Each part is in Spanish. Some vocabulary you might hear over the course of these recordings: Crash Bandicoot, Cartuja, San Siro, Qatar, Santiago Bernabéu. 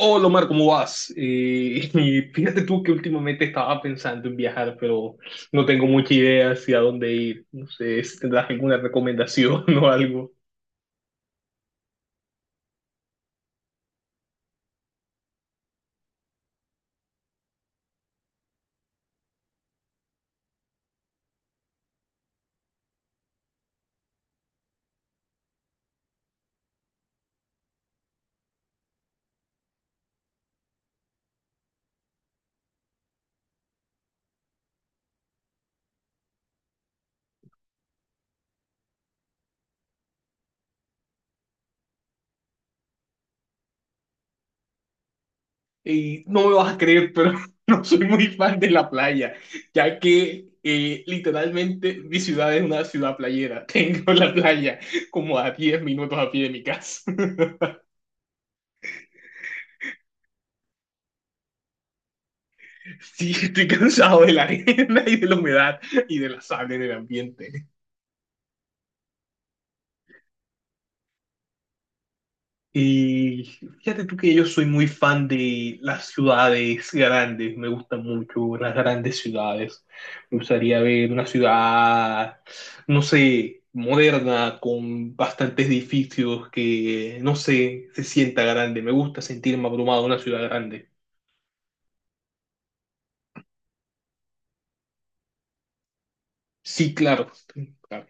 Hola Omar, ¿cómo vas? Y fíjate tú que últimamente estaba pensando en viajar, pero no tengo mucha idea hacia dónde ir. No sé si tendrás alguna recomendación o algo. Y no me vas a creer, pero no soy muy fan de la playa, ya que literalmente mi ciudad es una ciudad playera. Tengo la playa como a 10 minutos a pie de mi casa. Sí, estoy cansado de la arena y de la humedad y de la sal en el ambiente. Y fíjate tú que yo soy muy fan de las ciudades grandes, me gustan mucho las grandes ciudades. Me gustaría ver una ciudad, no sé, moderna, con bastantes edificios que, no sé, se sienta grande. Me gusta sentirme abrumado en una ciudad grande. Sí, claro. Sí, claro.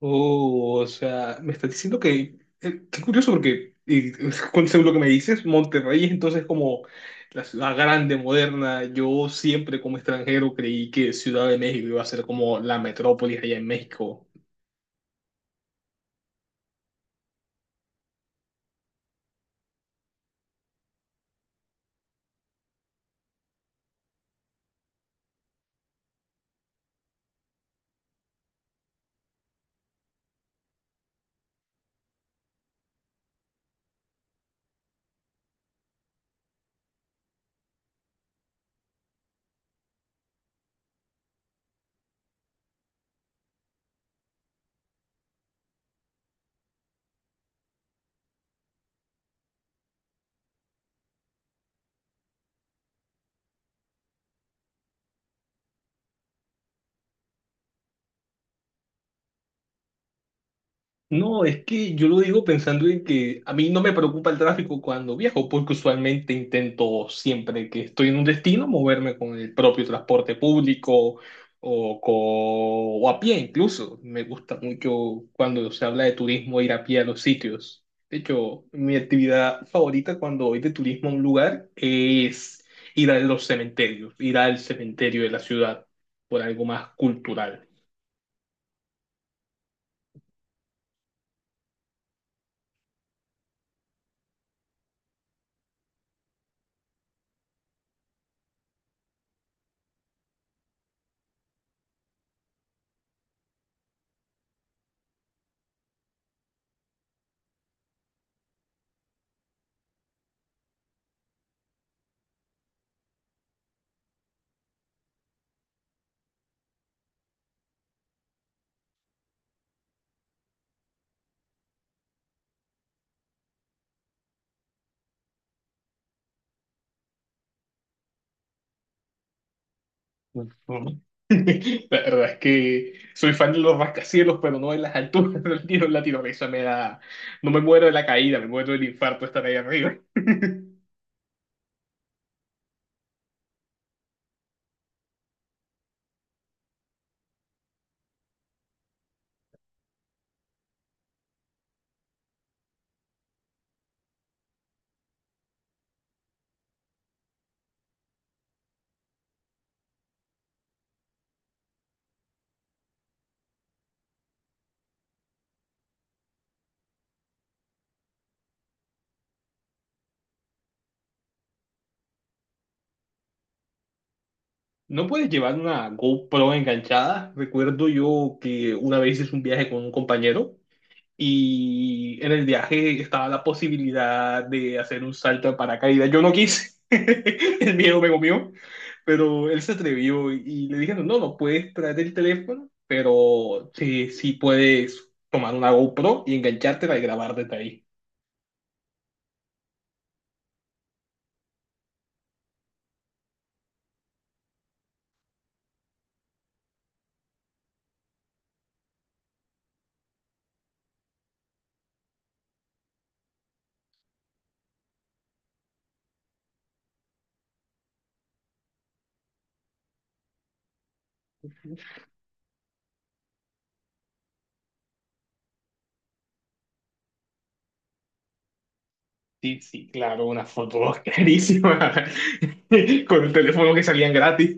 Oh, o sea, me estás diciendo que, qué curioso porque, según lo que me dices, Monterrey es entonces como la ciudad grande, moderna. Yo siempre como extranjero creí que Ciudad de México iba a ser como la metrópolis allá en México. No, es que yo lo digo pensando en que a mí no me preocupa el tráfico cuando viajo, porque usualmente intento siempre que estoy en un destino moverme con el propio transporte público o a pie incluso. Me gusta mucho cuando se habla de turismo ir a pie a los sitios. De hecho, mi actividad favorita cuando voy de turismo a un lugar es ir a los cementerios, ir al cementerio de la ciudad por algo más cultural. Ujú. La verdad es que soy fan de los rascacielos, pero no en las alturas del tiro en Latinoamérica. Me da... No me muero de la caída, me muero del infarto estar ahí arriba. ¿No puedes llevar una GoPro enganchada? Recuerdo yo que una vez hice un viaje con un compañero. Y en el viaje estaba la posibilidad de hacer un salto de paracaídas. Yo no quise, el miedo me comió, pero él se atrevió y le dijeron, no, no puedes traer el teléfono, pero sí, sí puedes tomar una GoPro y enganchártela y grabar desde ahí. Sí, sí, claro, una foto clarísima con el teléfono que salían gratis.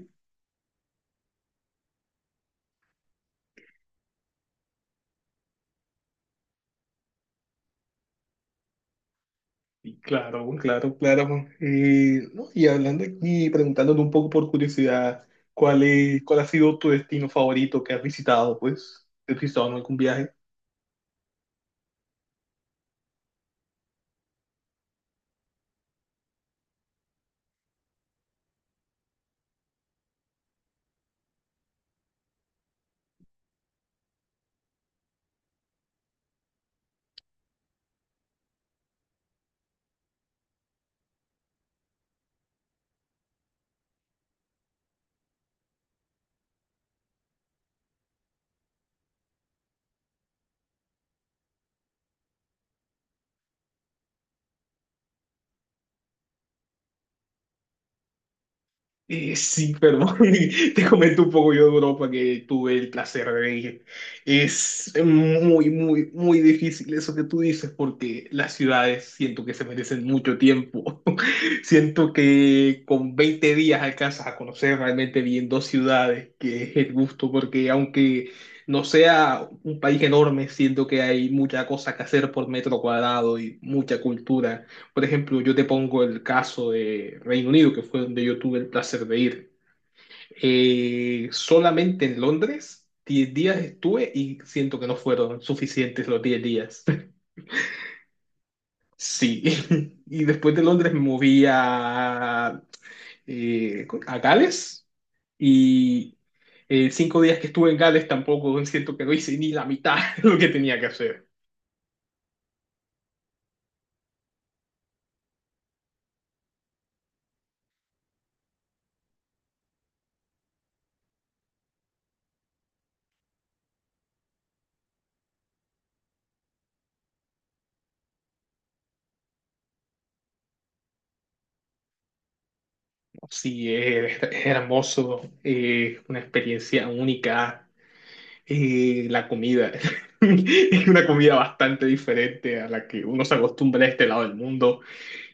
Claro, claro, claro. No, y hablando aquí, preguntándote un poco por curiosidad, ¿cuál es, cuál ha sido tu destino favorito que has visitado, pues? ¿Has visitado en algún viaje? Sí, perdón, te comento un poco yo de Europa que tuve el placer de ir. Es muy, muy, muy difícil eso que tú dices porque las ciudades siento que se merecen mucho tiempo. Siento que con 20 días alcanzas a conocer realmente bien dos ciudades, que es el gusto, porque aunque no sea un país enorme, siento que hay mucha cosa que hacer por metro cuadrado y mucha cultura. Por ejemplo, yo te pongo el caso de Reino Unido, que fue donde yo tuve el placer de ir. Solamente en Londres, 10 días estuve y siento que no fueron suficientes los 10 días. Sí, y después de Londres me moví a Gales y 5 días que estuve en Gales tampoco siento que no hice ni la mitad de lo que tenía que hacer. Sí, es hermoso, una experiencia única. La comida es una comida bastante diferente a la que uno se acostumbra a este lado del mundo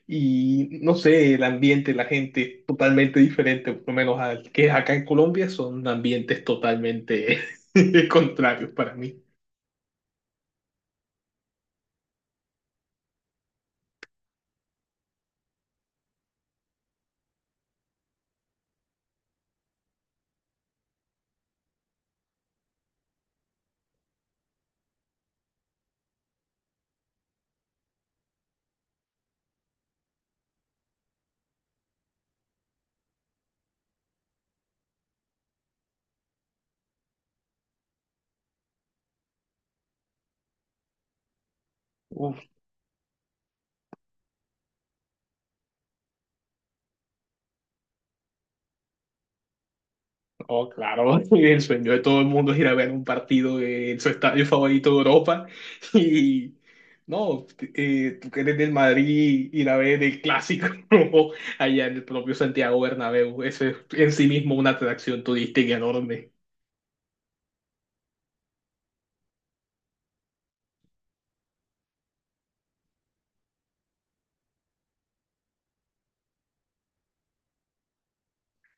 y no sé, el ambiente, la gente totalmente diferente, por lo menos al que es acá en Colombia, son ambientes totalmente contrarios para mí. Oh, claro, el sueño de todo el mundo es ir a ver un partido en su estadio favorito de Europa. Y no, tú que eres del Madrid, ir a ver el clásico allá en el propio Santiago Bernabéu. Eso es en sí mismo una atracción turística enorme.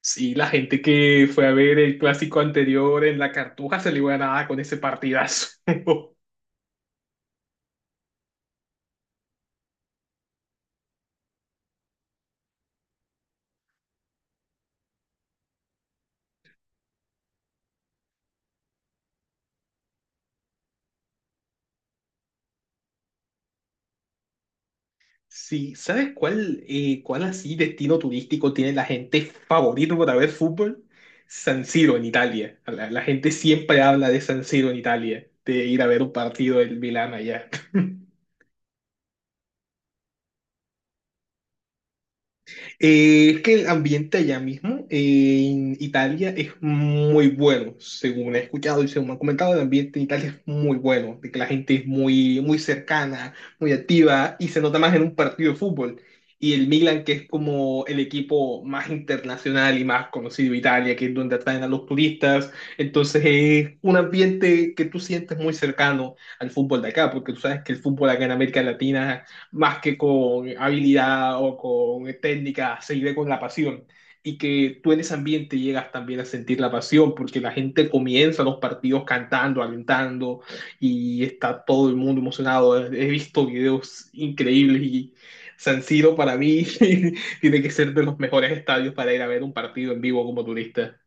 Sí, la gente que fue a ver el clásico anterior en la Cartuja se le iba a dar con ese partidazo. Sí, ¿sabes cuál, cuál así destino turístico tiene la gente favorito para ver fútbol? San Siro en Italia. La gente siempre habla de San Siro en Italia, de ir a ver un partido del Milán allá. Es que el ambiente allá mismo en Italia es muy bueno, según he escuchado y según me han comentado, el ambiente en Italia es muy bueno, de que la gente es muy, muy cercana, muy activa y se nota más en un partido de fútbol. Y el Milan, que es como el equipo más internacional y más conocido de Italia, que es donde atraen a los turistas, entonces es un ambiente que tú sientes muy cercano al fútbol de acá, porque tú sabes que el fútbol acá en América Latina más que con habilidad o con técnica, se vive con la pasión. Y que tú en ese ambiente llegas también a sentir la pasión, porque la gente comienza los partidos cantando, alentando, y está todo el mundo emocionado. He visto videos increíbles y San Siro para mí tiene que ser de los mejores estadios para ir a ver un partido en vivo como turista.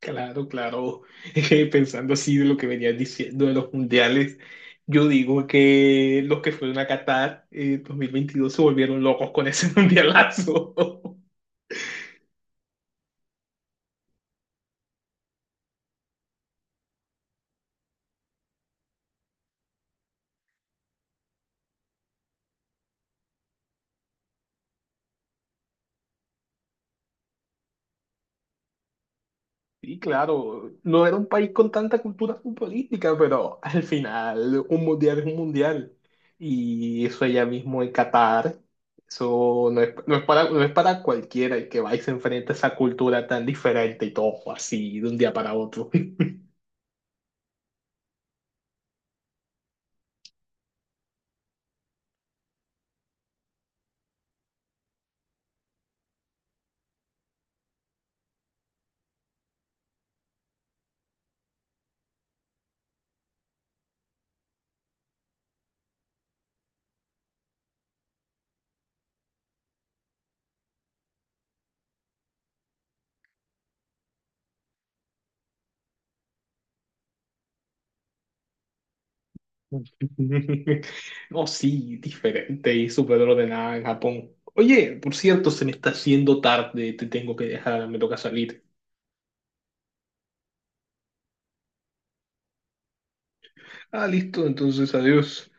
Claro, claro. Pensando así de lo que venías diciendo de los mundiales, yo digo que los que fueron a Qatar en 2022 se volvieron locos con ese mundialazo. Sí, claro, no era un país con tanta cultura futbolística, pero al final un mundial es un mundial. Y eso allá mismo en Qatar, eso no es, no es para, no es para cualquiera el que va y se enfrenta a esa cultura tan diferente y todo así de un día para otro. Oh, sí, diferente y súper ordenada en Japón. Oye, por cierto, se me está haciendo tarde, te tengo que dejar, me toca salir. Ah, listo, entonces adiós.